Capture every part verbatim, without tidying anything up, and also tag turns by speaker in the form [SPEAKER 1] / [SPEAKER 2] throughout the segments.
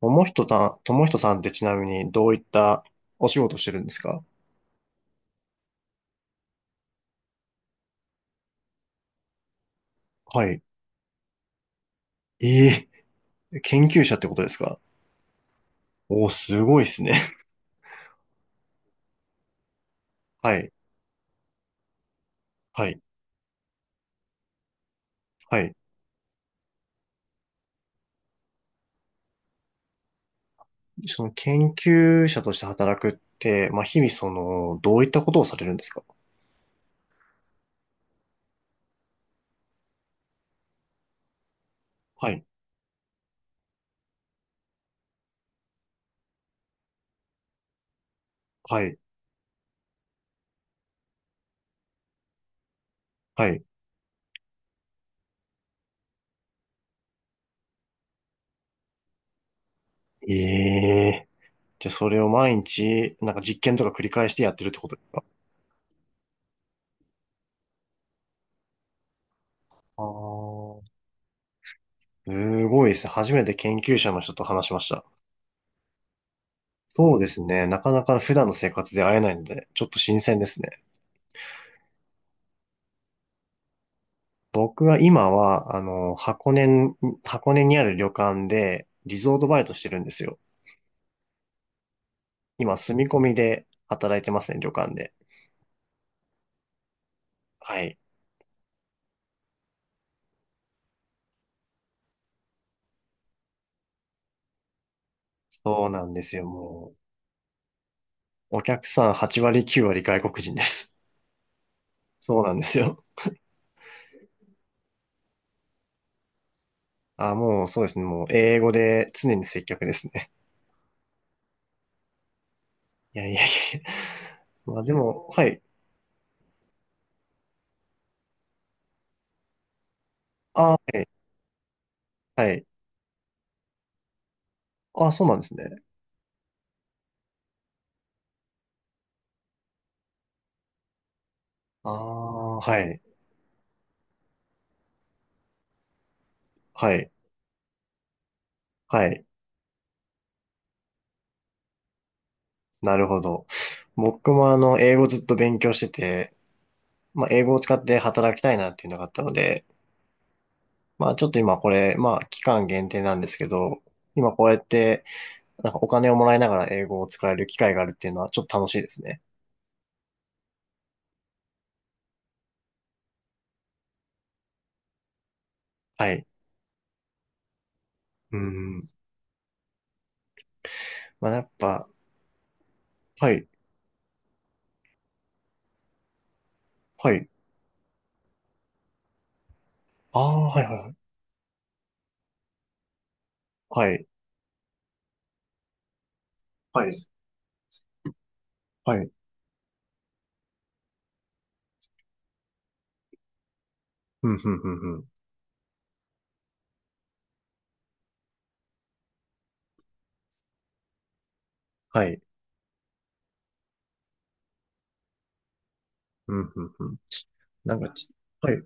[SPEAKER 1] ともひとさん、ともひとさんってちなみにどういったお仕事してるんですか？はい。ええ、研究者ってことですか？おー、すごいですね。はい。はい。はい。その研究者として働くって、まあ、日々その、どういったことをされるんですか？はい。はい。はい。ええ。じゃあ、それを毎日、なんか実験とか繰り返してやってるってことですか？ああー、すごいですね。初めて研究者の人と話しました。そうですね。なかなか普段の生活で会えないので、ちょっと新鮮ですね。僕は今は、あの、箱根に、箱根にある旅館で、リゾートバイトしてるんですよ。今、住み込みで働いてますね、旅館で。はい。そうなんですよ、もう。お客さんはちわり割、きゅうわり割外国人です。そうなんですよ。あ、もうそうですね。もう英語で常に接客ですね。いやいやいや。まあでも、はい。あ、はい。はい。あ、そうなんですね。ああ、はい。はい。はい。なるほど。僕もあの、英語ずっと勉強してて、まあ、英語を使って働きたいなっていうのがあったので、まあ、ちょっと今これ、まあ、期間限定なんですけど、今こうやって、なんかお金をもらいながら英語を使える機会があるっていうのはちょっと楽しいですね。はい。うん。まあ、やっぱ、はい、はい。ああ、はい、はい、はい。はい、はい。はい。うん、うん、うん、うん。はい。うん、うん、うん。なんかち、はい。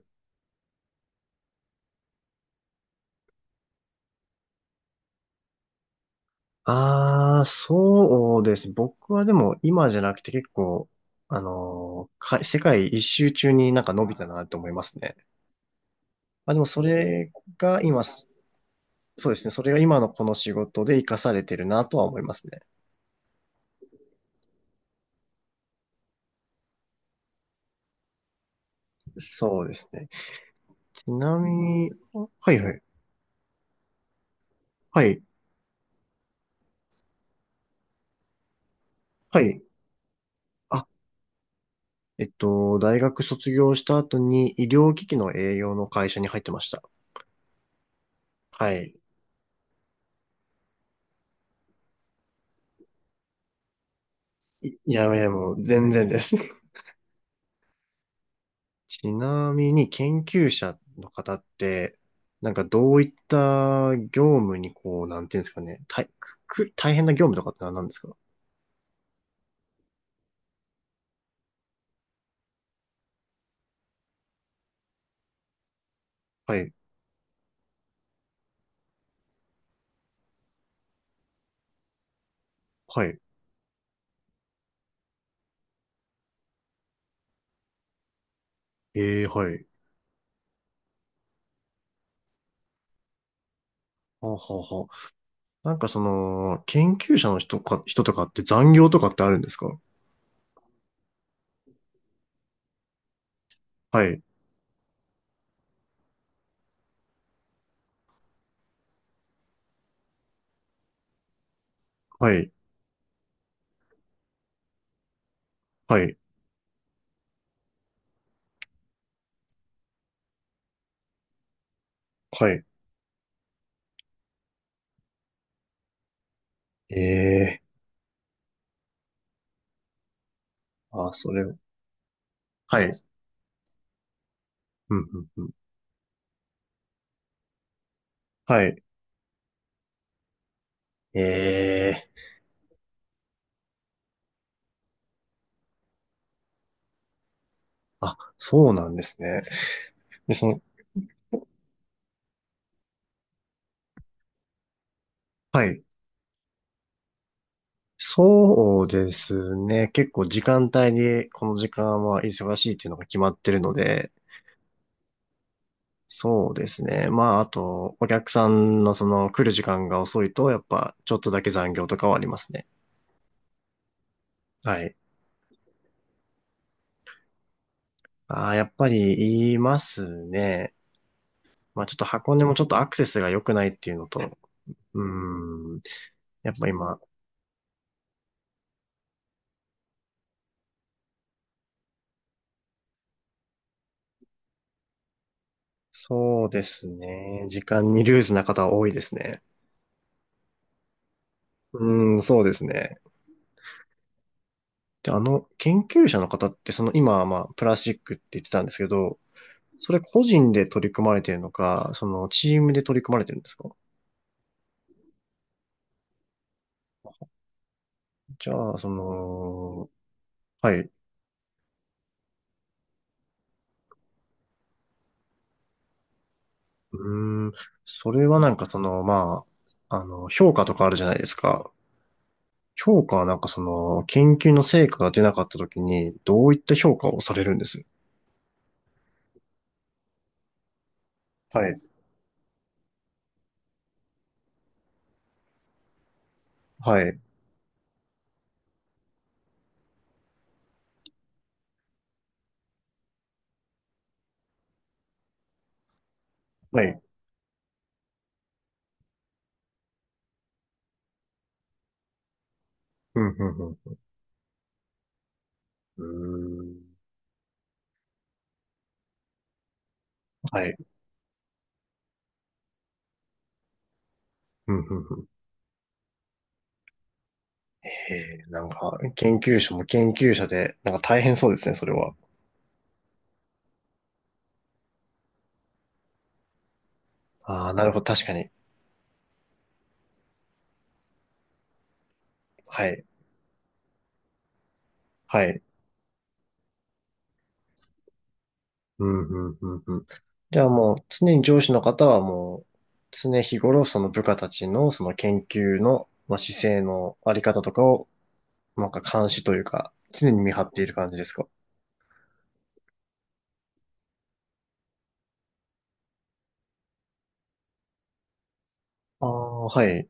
[SPEAKER 1] ああ、そうですね。僕はでも今じゃなくて結構、あのーか、世界一周中になんか伸びたなと思いますね。まあでもそれが今、そうですね。それが今のこの仕事で活かされてるなとは思いますね。そうですね。ちなみに、はいはい。はい。はい。あ、えっと、大学卒業した後に医療機器の栄養の会社に入ってました。はい。いやいや、もう全然です。ちなみに研究者の方って、なんかどういった業務にこう、なんていうんですかね、大くく大変な業務とかって何なんですか？はい、はい、ええはい。はあ、はあ、はあ。なんかその、研究者の人か、人とかって残業とかってあるんですか？はい、はい、はい、はい。ええあ、それ、はい、うん、うん、うん。はい、ええあ、そうなんですね。で、その、はい。そうですね。結構時間帯に、この時間は忙しいっていうのが決まってるので、そうですね。まあ、あと、お客さんのその来る時間が遅いと、やっぱちょっとだけ残業とかはありますね。はい。ああ、やっぱり言いますね。まあ、ちょっと箱根もちょっとアクセスが良くないっていうのと、うーん。やっぱ今、そうですね。時間にルーズな方は多いですね。うーん、そうですね。で、あの、研究者の方って、その今はまあ、プラスチックって言ってたんですけど、それ個人で取り組まれてるのか、そのチームで取り組まれてるんですか？じゃあ、その、はい。うーん、それはなんかその、まあ、あの、評価とかあるじゃないですか。評価はなんかその、研究の成果が出なかった時に、どういった評価をされるんです？はい。はい。はい。うん、うん、うん。うーん。はい。うん、うん、うん。へえ、なんか、研究者も研究者で、なんか大変そうですね、それは。ああ、なるほど、確かに。はい、はい。うん、うん、うん、うん。じゃあもう、常に上司の方はもう、常日頃、その部下たちの、その研究の、まあ、姿勢のあり方とかを、なんか監視というか、常に見張っている感じですか？ああ、はい、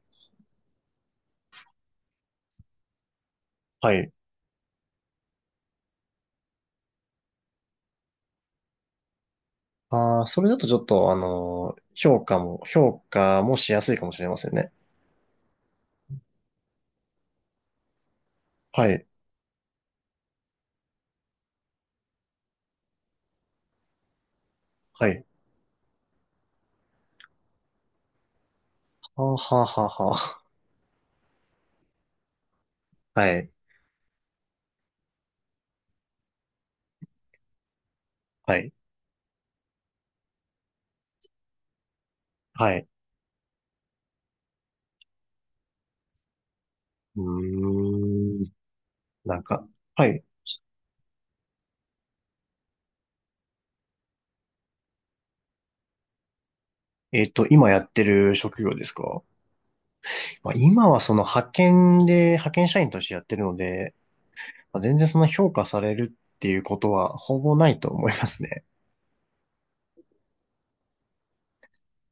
[SPEAKER 1] はい。ああ、それだとちょっと、あのー評価も、評価もしやすいかもしれませんね。はい、はい。はあ、はあ、はあ、はあ。はい、はい。はい。うーん。なんか、はい。えっと、今やってる職業ですか？まあ、今はその派遣で、派遣社員としてやってるので、まあ、全然その評価されるっていうことはほぼないと思いますね。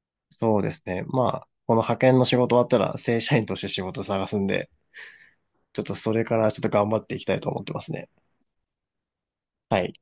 [SPEAKER 1] そうですね。まあ、この派遣の仕事終わったら正社員として仕事探すんで、ちょっとそれからちょっと頑張っていきたいと思ってますね。はい。